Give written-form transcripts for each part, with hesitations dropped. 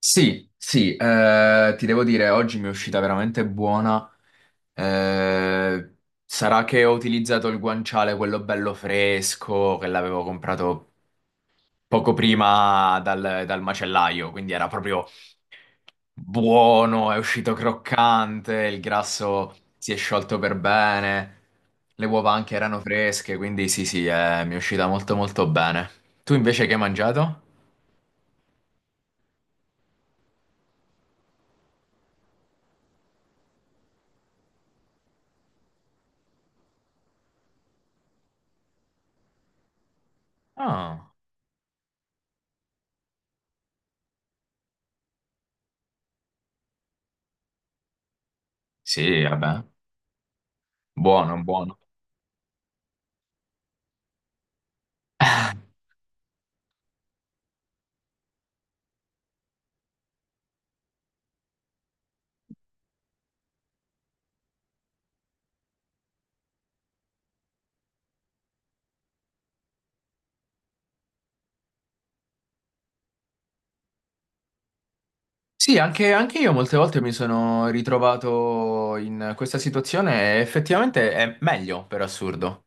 Sì, sì, ti devo dire, oggi mi è uscita veramente buona. Eh, Sarà che ho utilizzato il guanciale, quello bello fresco, che l'avevo comprato poco prima dal macellaio, quindi era proprio buono, è uscito croccante, il grasso si è sciolto per bene, le uova anche erano fresche, quindi sì, sì, mi è uscita molto molto bene. Tu invece che hai mangiato? Ah, sì, vabbè, buono, buono. Sì, anche io molte volte mi sono ritrovato in questa situazione e effettivamente è meglio, per assurdo.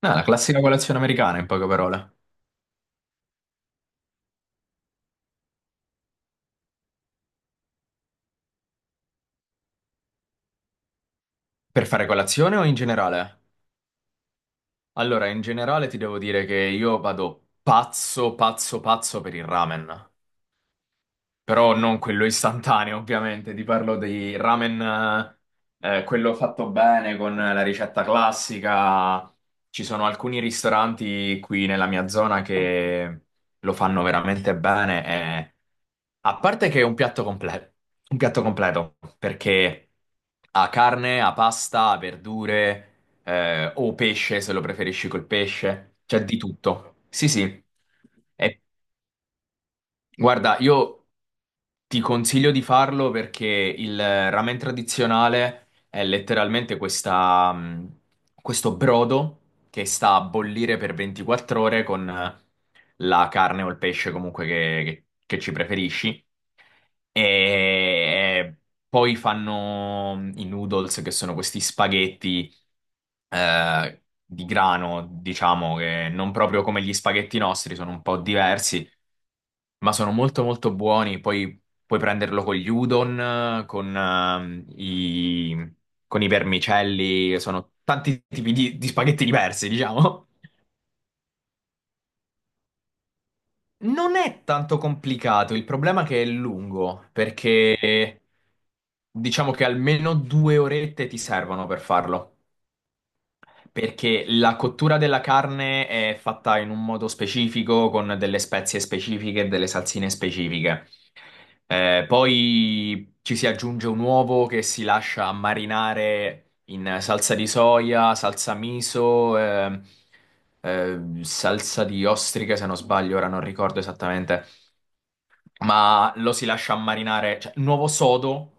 No, la classica colazione americana, in poche parole. Per fare colazione o in generale? Allora, in generale ti devo dire che io vado pazzo, pazzo, pazzo per il ramen. Però non quello istantaneo, ovviamente. Ti parlo di ramen, quello fatto bene con la ricetta classica. Ci sono alcuni ristoranti qui nella mia zona che lo fanno veramente bene. e- A parte che è un piatto completo, perché ha carne, ha pasta, ha verdure, o pesce, se lo preferisci col pesce, c'è di tutto. Sì, sì. E Guarda, io ti consiglio di farlo perché il ramen tradizionale è letteralmente questa, questo brodo che sta a bollire per 24 ore con la carne o il pesce comunque che ci preferisci e eh, poi fanno i noodles, che sono questi spaghetti di grano, diciamo che non proprio come gli spaghetti nostri, sono un po' diversi, ma sono molto molto buoni. Poi puoi prenderlo con gli udon, eh, con, ehm, i, con i vermicelli, sono tanti tipi di spaghetti diversi, diciamo. Non è tanto complicato, il problema è che è lungo, perché diciamo che almeno due orette ti servono per farlo, perché la cottura della carne è fatta in un modo specifico, con delle spezie specifiche e delle salsine specifiche. Poi ci si aggiunge un uovo che si lascia marinare in salsa di soia, salsa miso, salsa di ostriche, se non sbaglio, ora non ricordo esattamente ma lo si lascia ammarinare, cioè nuovo sodo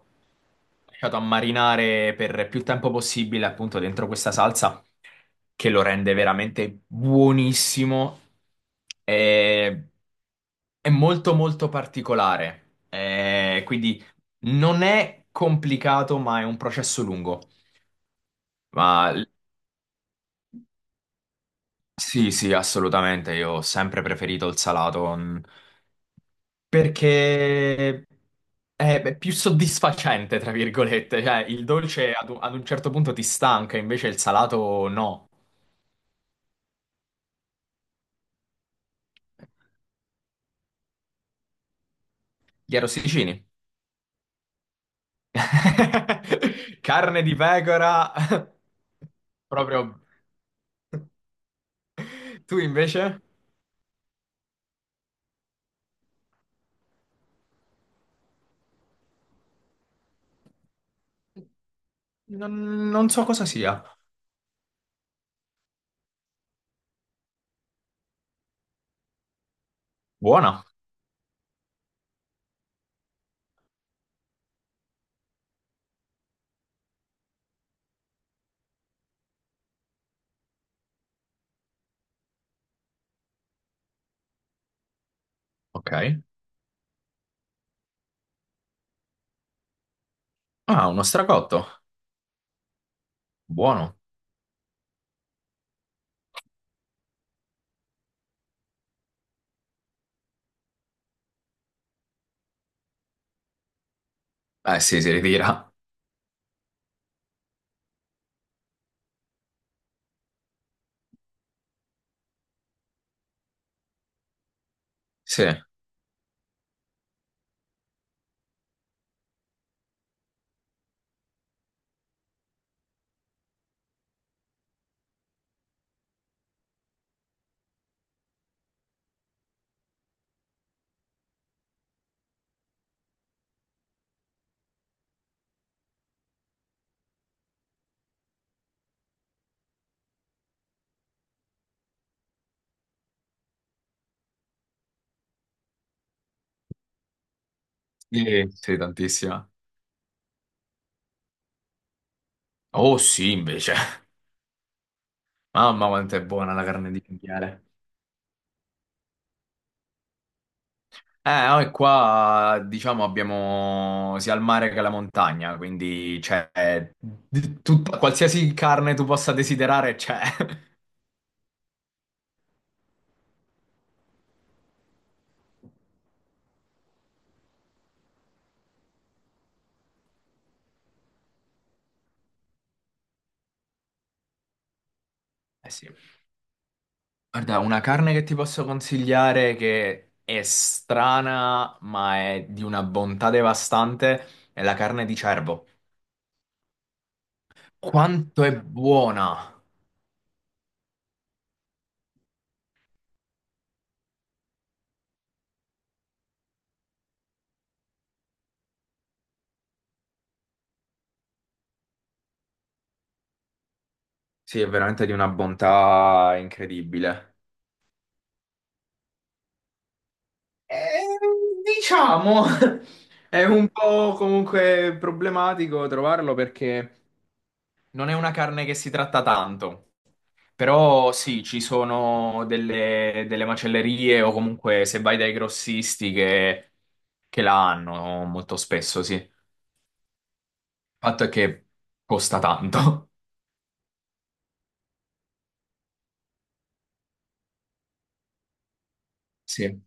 lasciato ammarinare per più tempo possibile appunto dentro questa salsa che lo rende veramente buonissimo e è molto molto particolare. Quindi non è complicato ma è un processo lungo. Ma Sì, sì, assolutamente. Io ho sempre preferito il salato, mm, perché è beh, più soddisfacente, tra virgolette. Cioè, il dolce ad ad un certo punto ti stanca, invece il salato no. Gli arrosticini. Carne di pecora. Proprio. Tu invece? Non so cosa sia. Buona. Ok. Ah, uno stracotto. Buono. Eh sì, si ritira. Sì. Sì, sì, tantissima. Oh sì, invece. Mamma quanto è buona la carne di cinghiale. Noi qua diciamo abbiamo sia il mare che la montagna, quindi c'è qualsiasi carne tu possa desiderare c'è. Eh sì. Guarda, una carne che ti posso consigliare che è strana, ma è di una bontà devastante, è la carne di cervo. Quanto è buona! Sì, è veramente di una bontà incredibile. Eh, diciamo, è un po' comunque problematico trovarlo perché non è una carne che si tratta tanto. Però sì, ci sono delle macellerie o comunque se vai dai grossisti che la hanno molto spesso, sì. Il fatto è che costa tanto. Sì.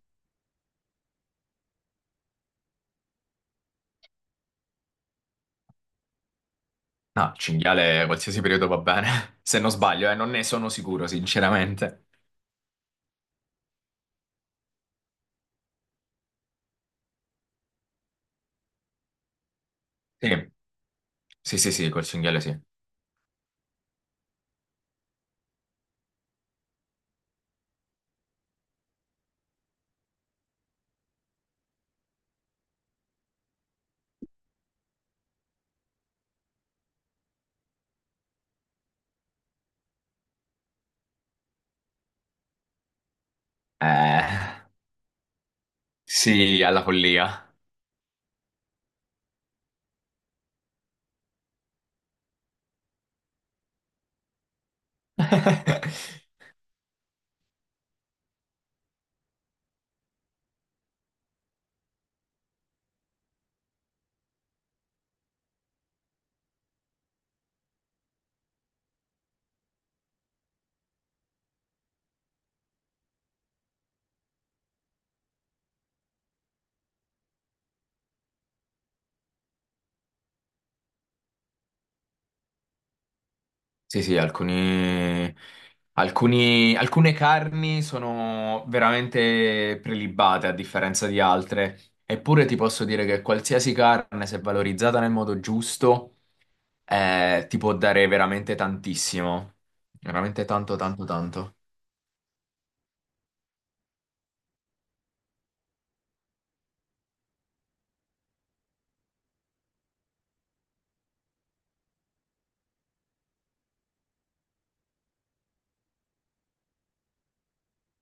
No, cinghiale qualsiasi periodo va bene, se non sbaglio, non ne sono sicuro, sinceramente. Sì, sì, sì, col cinghiale sì. Eh. Sì, alla follia. Sì, sì, alcune carni sono veramente prelibate a differenza di altre. Eppure ti posso dire che qualsiasi carne, se valorizzata nel modo giusto, ti può dare veramente tantissimo. Veramente tanto, tanto, tanto.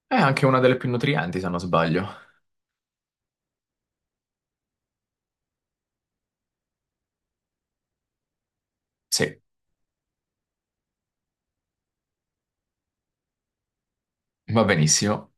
È anche una delle più nutrienti, se non sbaglio. Sì, va benissimo.